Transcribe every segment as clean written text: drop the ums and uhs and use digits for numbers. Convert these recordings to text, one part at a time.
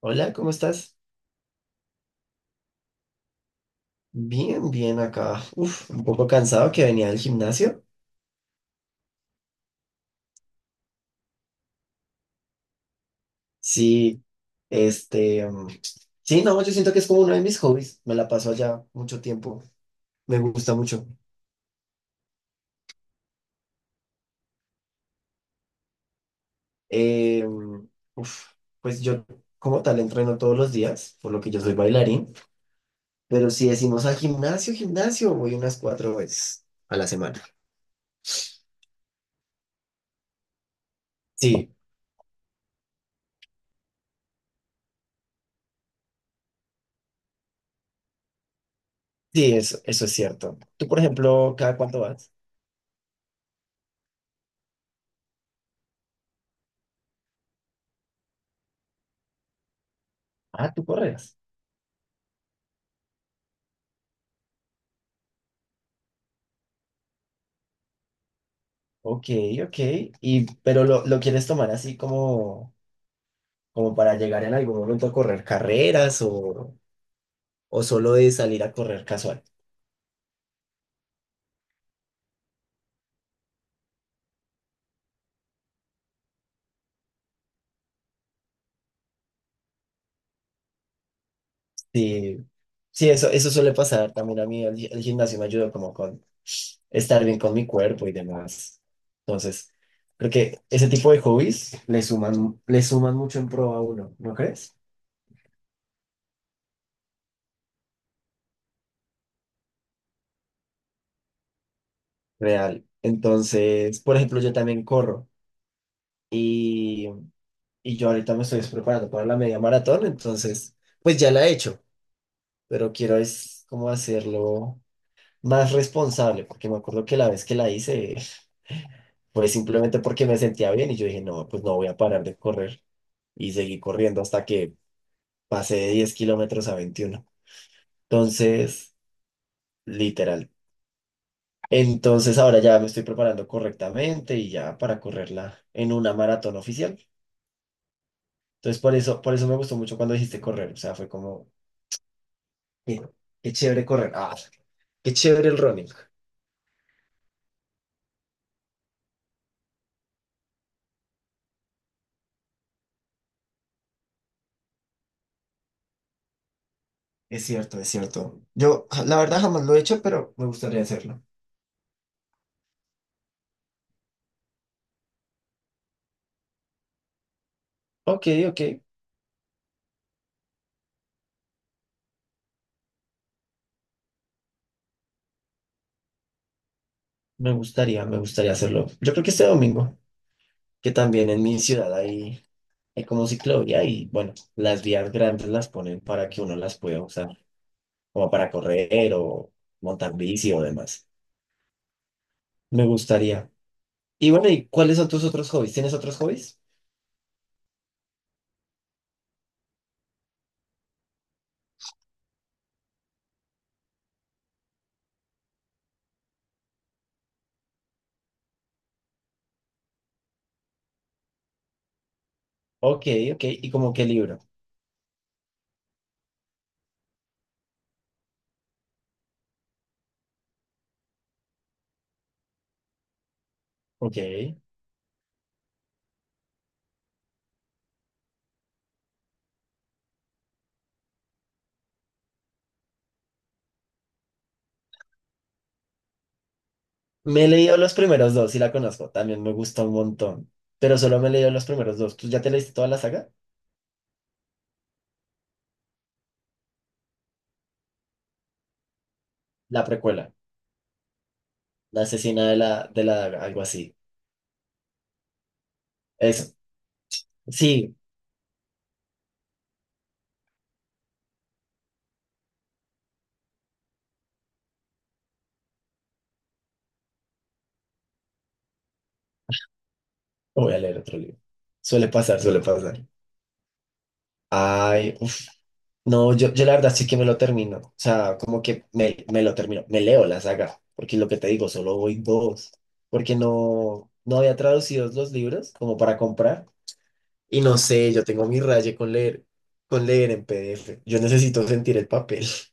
Hola, ¿cómo estás? Bien, bien acá. Uf, un poco cansado que venía del gimnasio. Sí, este, sí, no, yo siento que es como uno de mis hobbies. Me la paso allá mucho tiempo. Me gusta mucho. Eh, mm, Uf, pues yo como tal entreno todos los días, por lo que yo soy bailarín. Pero si decimos al gimnasio, gimnasio, voy unas cuatro veces a la semana. Sí, sí, eso es cierto. Tú, por ejemplo, ¿cada cuánto vas? Ah, tú corres. Ok, ok. Y, pero lo quieres tomar así como para llegar en algún momento a correr carreras o solo de salir a correr casual. Sí, sí, eso suele pasar también a mí. El gimnasio me ayuda como con estar bien con mi cuerpo y demás. Entonces, creo que ese tipo de hobbies le suman mucho en pro a uno, ¿no crees? Real. Entonces, por ejemplo, yo también corro y yo ahorita me estoy preparando para la media maratón, entonces, pues ya la he hecho, pero quiero es como hacerlo más responsable, porque me acuerdo que la vez que la hice fue simplemente porque me sentía bien y yo dije, no, pues no voy a parar de correr y seguí corriendo hasta que pasé de 10 kilómetros a 21. Entonces, literal. Entonces ahora ya me estoy preparando correctamente y ya para correrla en una maratón oficial. Entonces por eso me gustó mucho cuando dijiste correr, o sea, fue como Qué, qué chévere correr. Ah, qué chévere el running. Es cierto, es cierto. La verdad, jamás lo he hecho, pero me gustaría hacerlo. Ok, ok. Me gustaría hacerlo. Yo creo que este domingo, que también en mi ciudad hay como ciclovía y bueno, las vías grandes las ponen para que uno las pueda usar, como para correr o montar bici o demás. Me gustaría. Y bueno, ¿y cuáles son tus otros hobbies? ¿Tienes otros hobbies? Ok, ok. ¿Y como qué libro? Ok. Me he leído los primeros dos y la conozco, también me gusta un montón, pero solo me he leído los primeros dos. ¿Tú ya te leíste toda la saga? La precuela, la asesina de la algo así. Eso, sí, voy a leer otro libro. Suele pasar, suele pasar. Ay, uf, no, yo la verdad sí que me lo termino, o sea, como que me lo termino, me leo la saga, porque lo que te digo, solo voy dos, porque no, no había traducido los libros como para comprar. Y no sé, yo tengo mi raye con leer en PDF. Yo necesito sentir el papel.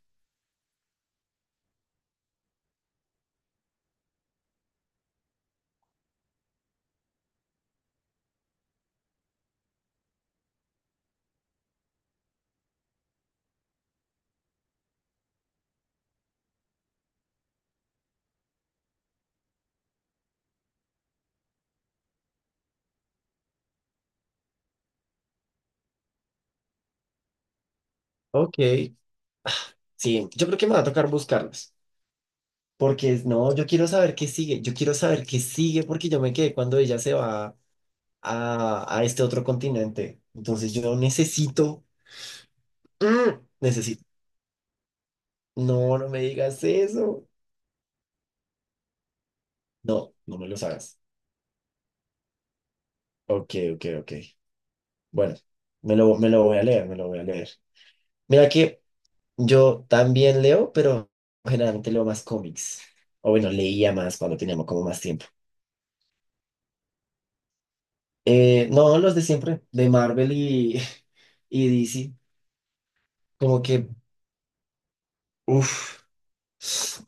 Ok, sí, yo creo que me va a tocar buscarlas. Porque no, yo quiero saber qué sigue. Yo quiero saber qué sigue porque yo me quedé cuando ella se va a este otro continente. Entonces yo necesito, ¡mm! Necesito. No, no me digas eso. No, no me lo hagas. Ok, ok, ok. Bueno, me lo voy a leer, me lo voy a leer. Mira que yo también leo, pero generalmente leo más cómics. O bueno, leía más cuando teníamos como más tiempo. No, los de siempre, de Marvel y, y DC. Como que, uff.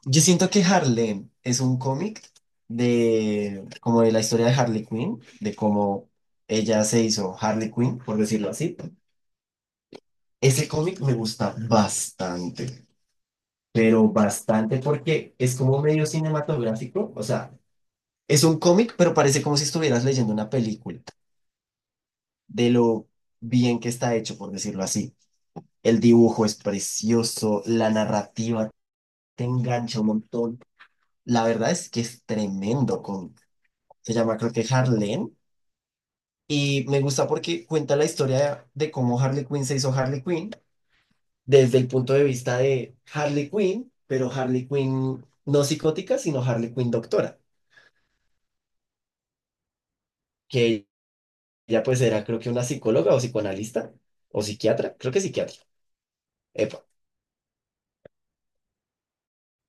Yo siento que Harlem es un cómic de como de la historia de Harley Quinn, de cómo ella se hizo Harley Quinn, por decirlo así. Ese cómic me gusta bastante, pero bastante porque es como medio cinematográfico, o sea. Es un cómic, pero parece como si estuvieras leyendo una película, de lo bien que está hecho, por decirlo así. El dibujo es precioso, la narrativa te engancha un montón. La verdad es que es tremendo cómic. Se llama creo que Harlem y me gusta porque cuenta la historia de cómo Harley Quinn se hizo Harley Quinn desde el punto de vista de Harley Quinn, pero Harley Quinn no psicótica, sino Harley Quinn doctora, que ella pues era creo que una psicóloga o psicoanalista o psiquiatra, creo que psiquiatra. Epa.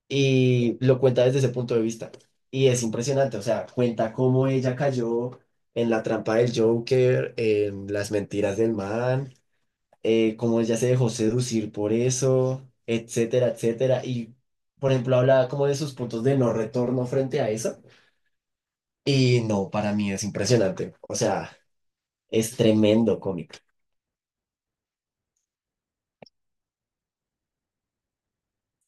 Y lo cuenta desde ese punto de vista. Y es impresionante, o sea, cuenta cómo ella cayó en la trampa del Joker, en las mentiras del man, cómo ella se dejó seducir por eso, etcétera, etcétera. Y, por ejemplo, habla como de sus puntos de no retorno frente a eso. Y no, para mí es impresionante. O sea, es tremendo cómic.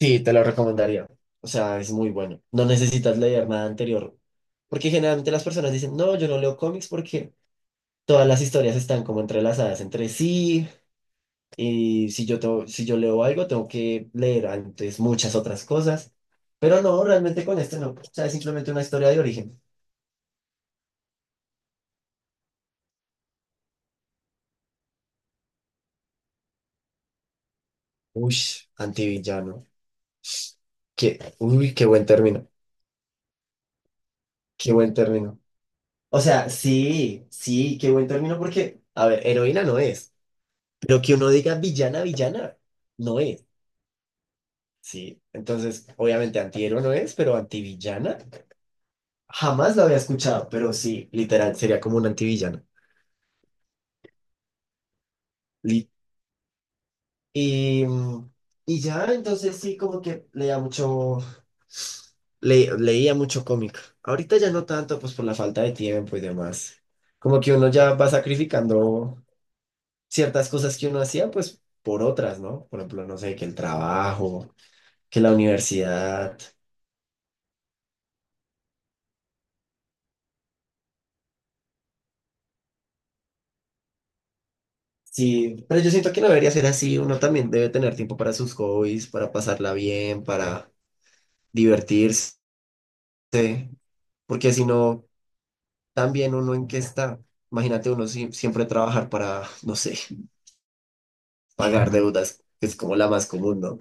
Sí, te lo recomendaría. O sea, es muy bueno. No necesitas leer nada anterior. Porque generalmente las personas dicen, no, yo no leo cómics porque todas las historias están como entrelazadas entre sí, y si yo leo algo, tengo que leer antes muchas otras cosas, pero no, realmente con este no, o sea, es simplemente una historia de origen. Uy, antivillano. Uy, qué buen término, qué buen término. O sea, sí, sí, qué buen término porque, a ver, heroína no es, pero que uno diga villana, villana, no es, sí. Entonces, obviamente antihéroe no es, pero antivillana. Jamás lo había escuchado, pero sí, literal, sería como un antivillano. Li- Y, mm, y ya, entonces sí, como que leía mucho, leía mucho cómic. Ahorita ya no tanto, pues por la falta de tiempo y demás. Como que uno ya va sacrificando ciertas cosas que uno hacía, pues por otras, ¿no? Por ejemplo, no sé, que el trabajo, que la universidad. Sí, pero yo siento que no debería ser así. Uno también debe tener tiempo para sus hobbies, para pasarla bien, para divertirse. Porque si no, también uno en qué está. Imagínate uno siempre trabajar para, no sé, pagar deudas, que es como la más común, ¿no?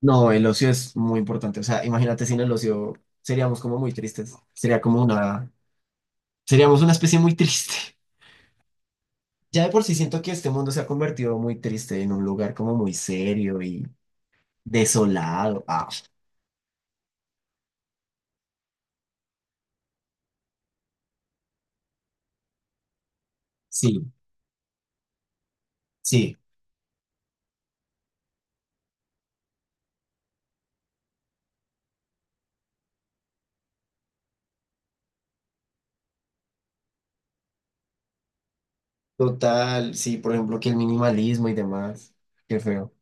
No, el ocio es muy importante. O sea, imagínate sin el ocio seríamos como muy tristes. Seríamos una especie muy triste. Ya de por sí siento que este mundo se ha convertido muy triste en un lugar como muy serio y desolado. Ah, sí, sí, total. Sí, por ejemplo, que el minimalismo y demás. Qué feo.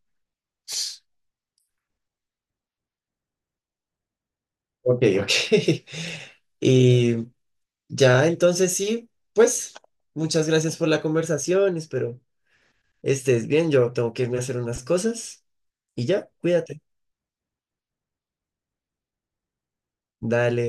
Ok, ok. Y Ya, entonces sí, pues muchas gracias por la conversación, espero estés bien, yo tengo que irme a hacer unas cosas y ya, cuídate. Dale.